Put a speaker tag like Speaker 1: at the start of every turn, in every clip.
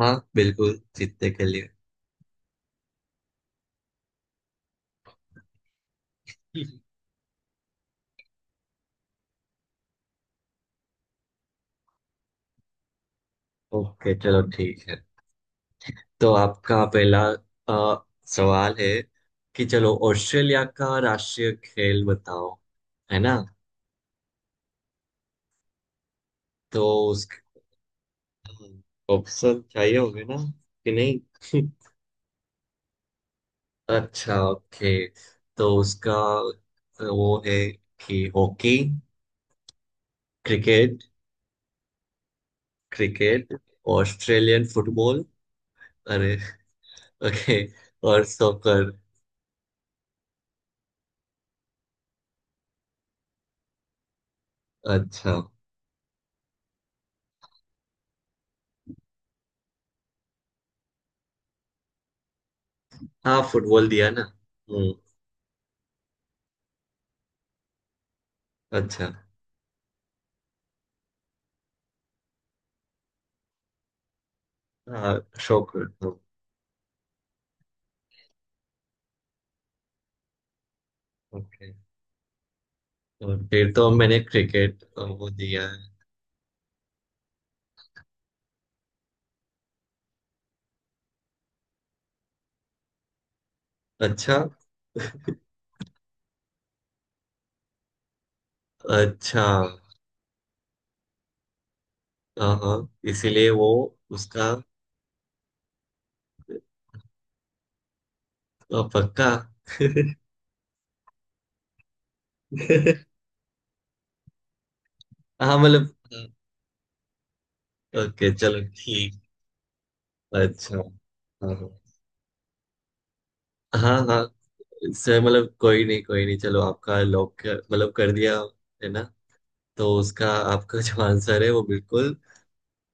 Speaker 1: हाँ बिल्कुल जीतने के लिए। ओके, चलो ठीक है। तो आपका पहला अ, सवाल है कि चलो ऑस्ट्रेलिया का राष्ट्रीय खेल बताओ, है ना। तो उसका ऑप्शन चाहिए होंगे ना कि नहीं? अच्छा ओके। तो उसका वो है कि hockey, cricket, cricket, Australian football, अरे ओके और सॉकर। अच्छा, हाँ फुटबॉल दिया ना। हम्म। अच्छा, हाँ शौक। ओके और फिर तो मैंने क्रिकेट वो दिया है। अच्छा। अच्छा। हाँ हाँ, इसीलिए वो उसका पक्का। हाँ मतलब। ओके चलो ठीक। अच्छा। हाँ हाँ हाँ हाँ। इससे मतलब कोई नहीं कोई नहीं, चलो आपका लॉक मतलब कर दिया, है ना। तो उसका, आपका जो आंसर है वो बिल्कुल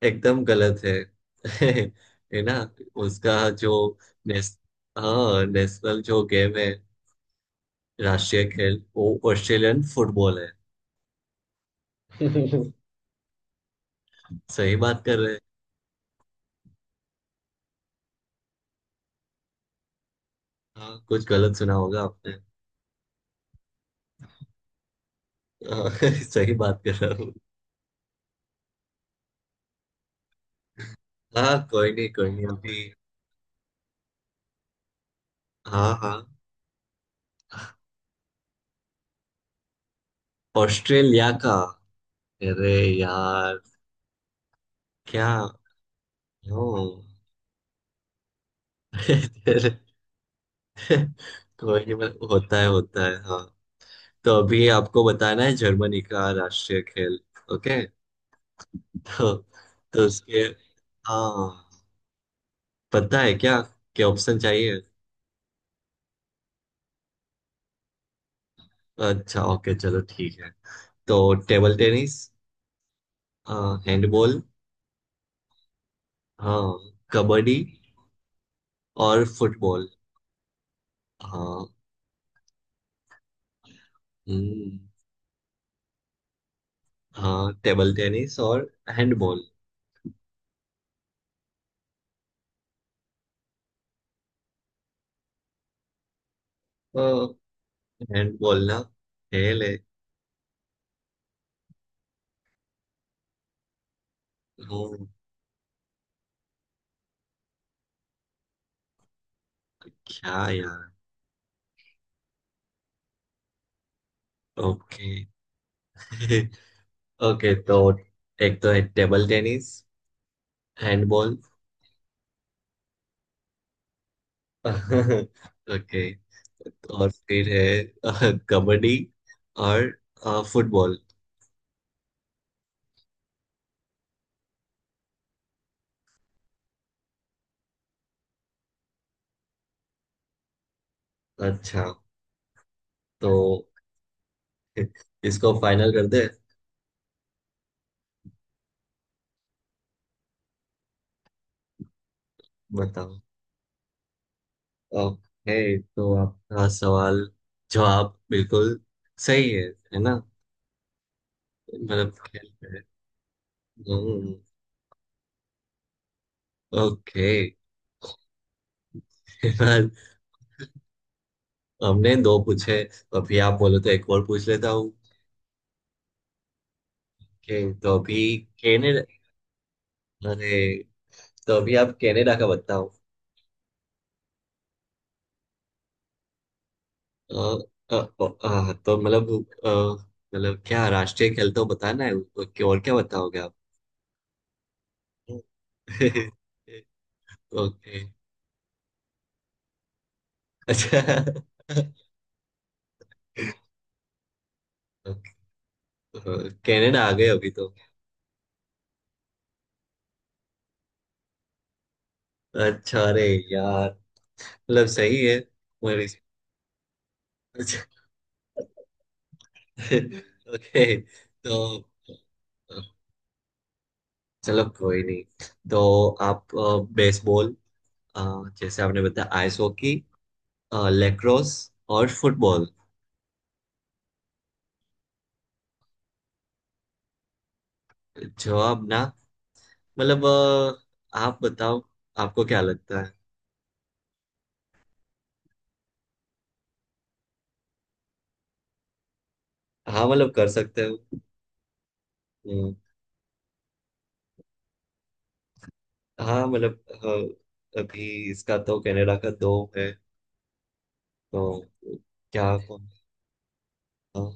Speaker 1: एकदम गलत है। है ना। उसका जो नेस, हाँ नेशनल जो गेम है, राष्ट्रीय खेल, वो ऑस्ट्रेलियन फुटबॉल है। सही बात कर रहे हैं। हाँ कुछ गलत सुना होगा आपने। हाँ, सही बात कर रहा हूँ। हाँ कोई नहीं अभी। हाँ हाँ। ऑस्ट्रेलिया का। अरे यार क्या, ओ। कोई नहीं, मतलब होता है होता है। हाँ, तो अभी आपको बताना है जर्मनी का राष्ट्रीय खेल। ओके। तो तो उसके, हाँ पता है क्या, क्या ऑप्शन चाहिए। अच्छा ओके चलो ठीक है। तो टेबल टेनिस, हैंडबॉल, हाँ कबड्डी और फुटबॉल। हाँ। हम्म। हाँ टेबल टेनिस और हैंडबॉल। हैंडबॉल ना खेल है। हम्म। क्या यार। ओके। ओके तो एक तो है टेबल टेनिस, हैंडबॉल। ओके और फिर है कबड्डी और फुटबॉल। अच्छा तो इसको फाइनल कर दे। बताओ। ओके तो आपका सवाल, जवाब बिल्कुल सही है ना। मतलब खेल है। हम्म। ओके। फिलहाल हमने दो पूछे, अभी आप बोलो तो एक और पूछ लेता हूँ। ओके तो अभी कनाडा, अरे तो अभी आप कनाडा का बताओ। अ, तो मतलब अ, मतलब क्या, राष्ट्रीय खेल तो बताना है उसको, कि और क्या बताओगे आप। ओके। अच्छा। कनाडा आ गए अभी तो। अच्छा अरे यार, मतलब सही है मेरी। ओके। तो चलो कोई नहीं। तो आप बेसबॉल, अ, जैसे आपने बताया आइस हॉकी, लेक्रोस और फुटबॉल। जवाब ना, मतलब आप बताओ, आपको क्या लगता है। हाँ मतलब कर सकते हो। हम्म। हाँ मतलब अभी इसका तो कनाडा का दो है। तो क्या कौन। हाँ,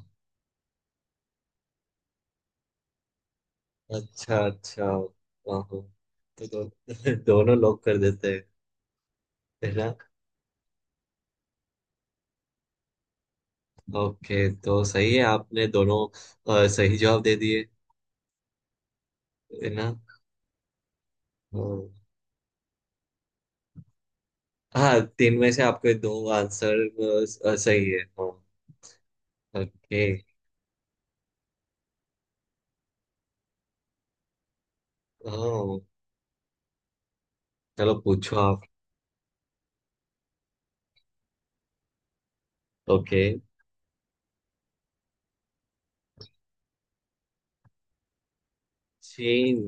Speaker 1: अच्छा अच्छा। वाह तो दो, दोनों लोग कर देते हैं, है ना। ओके तो सही है आपने दोनों, सही जवाब दे दिए, है ना। हाँ। हाँ, तीन में से आपके दो आंसर सही है। हाँ ओके। हाँ चलो पूछो आप। ओके। चीन।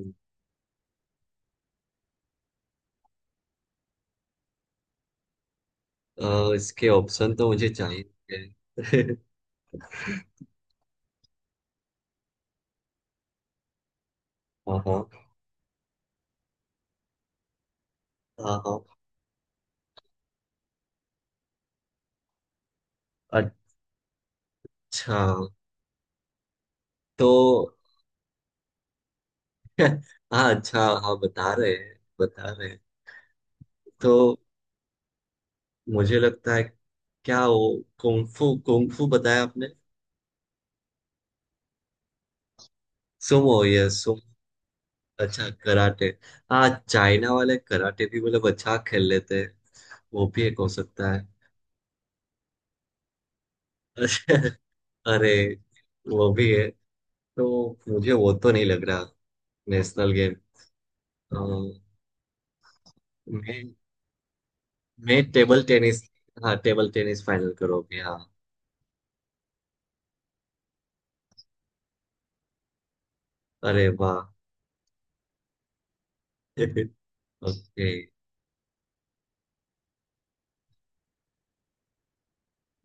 Speaker 1: इसके ऑप्शन तो मुझे चाहिए थे। हाँ हाँ हाँ हाँ। अच्छा तो, हाँ अच्छा हाँ बता रहे हैं बता रहे हैं। तो मुझे लगता है, क्या वो कुंफू, कुंफू बताया आपने? सुमो, ये सुम। अच्छा कराटे। हाँ चाइना वाले कराटे भी मतलब अच्छा खेल लेते हैं, वो भी एक हो सकता है। अरे वो भी है। तो मुझे वो तो नहीं लग रहा नेशनल गेम। मैं मैं टेबल टेनिस। हाँ टेबल टेनिस फाइनल करोगे। हाँ अरे वाह। ओके।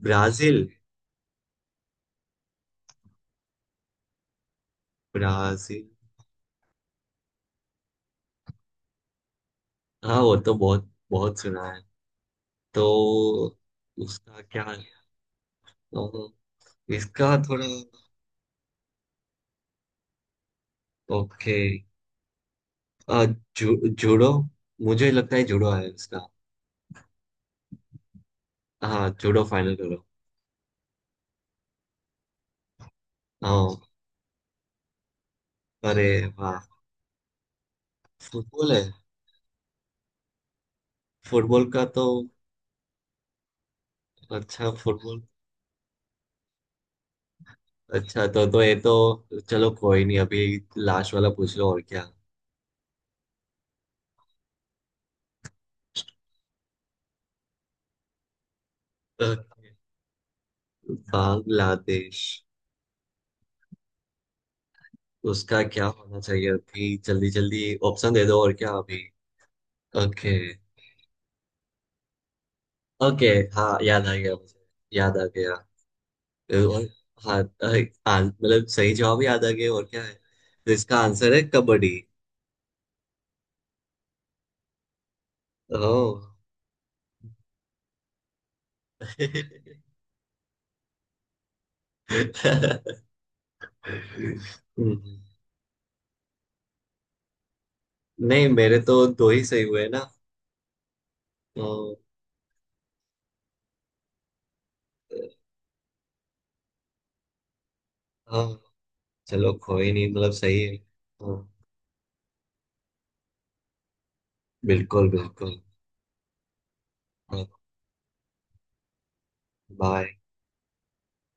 Speaker 1: Brazil, Brazil. हाँ वो तो बहुत बहुत सुना है। तो उसका क्या, तो इसका थोड़ा। ओके। आ, जूडो। मुझे लगता है जूडो है इसका। हाँ जूडो फाइनल करो। हाँ अरे वाह। फुटबॉल है? फुटबॉल का तो। अच्छा फुटबॉल। अच्छा तो ये तो, चलो कोई नहीं अभी, लास्ट वाला पूछ लो और क्या। Okay. बांग्लादेश, उसका क्या होना चाहिए, अभी जल्दी जल्दी ऑप्शन दे दो और क्या अभी। ओके। ओके। हाँ याद आ गया मुझे, याद आ गया। और हाँ मतलब सही जवाब याद आ गया और क्या है। तो इसका आंसर है कबड्डी। ओह। हम्म। नहीं मेरे तो दो ही सही हुए ना। तो, हाँ चलो कोई नहीं मतलब सही है। हाँ, बिल्कुल बिल्कुल। हाँ। बाय।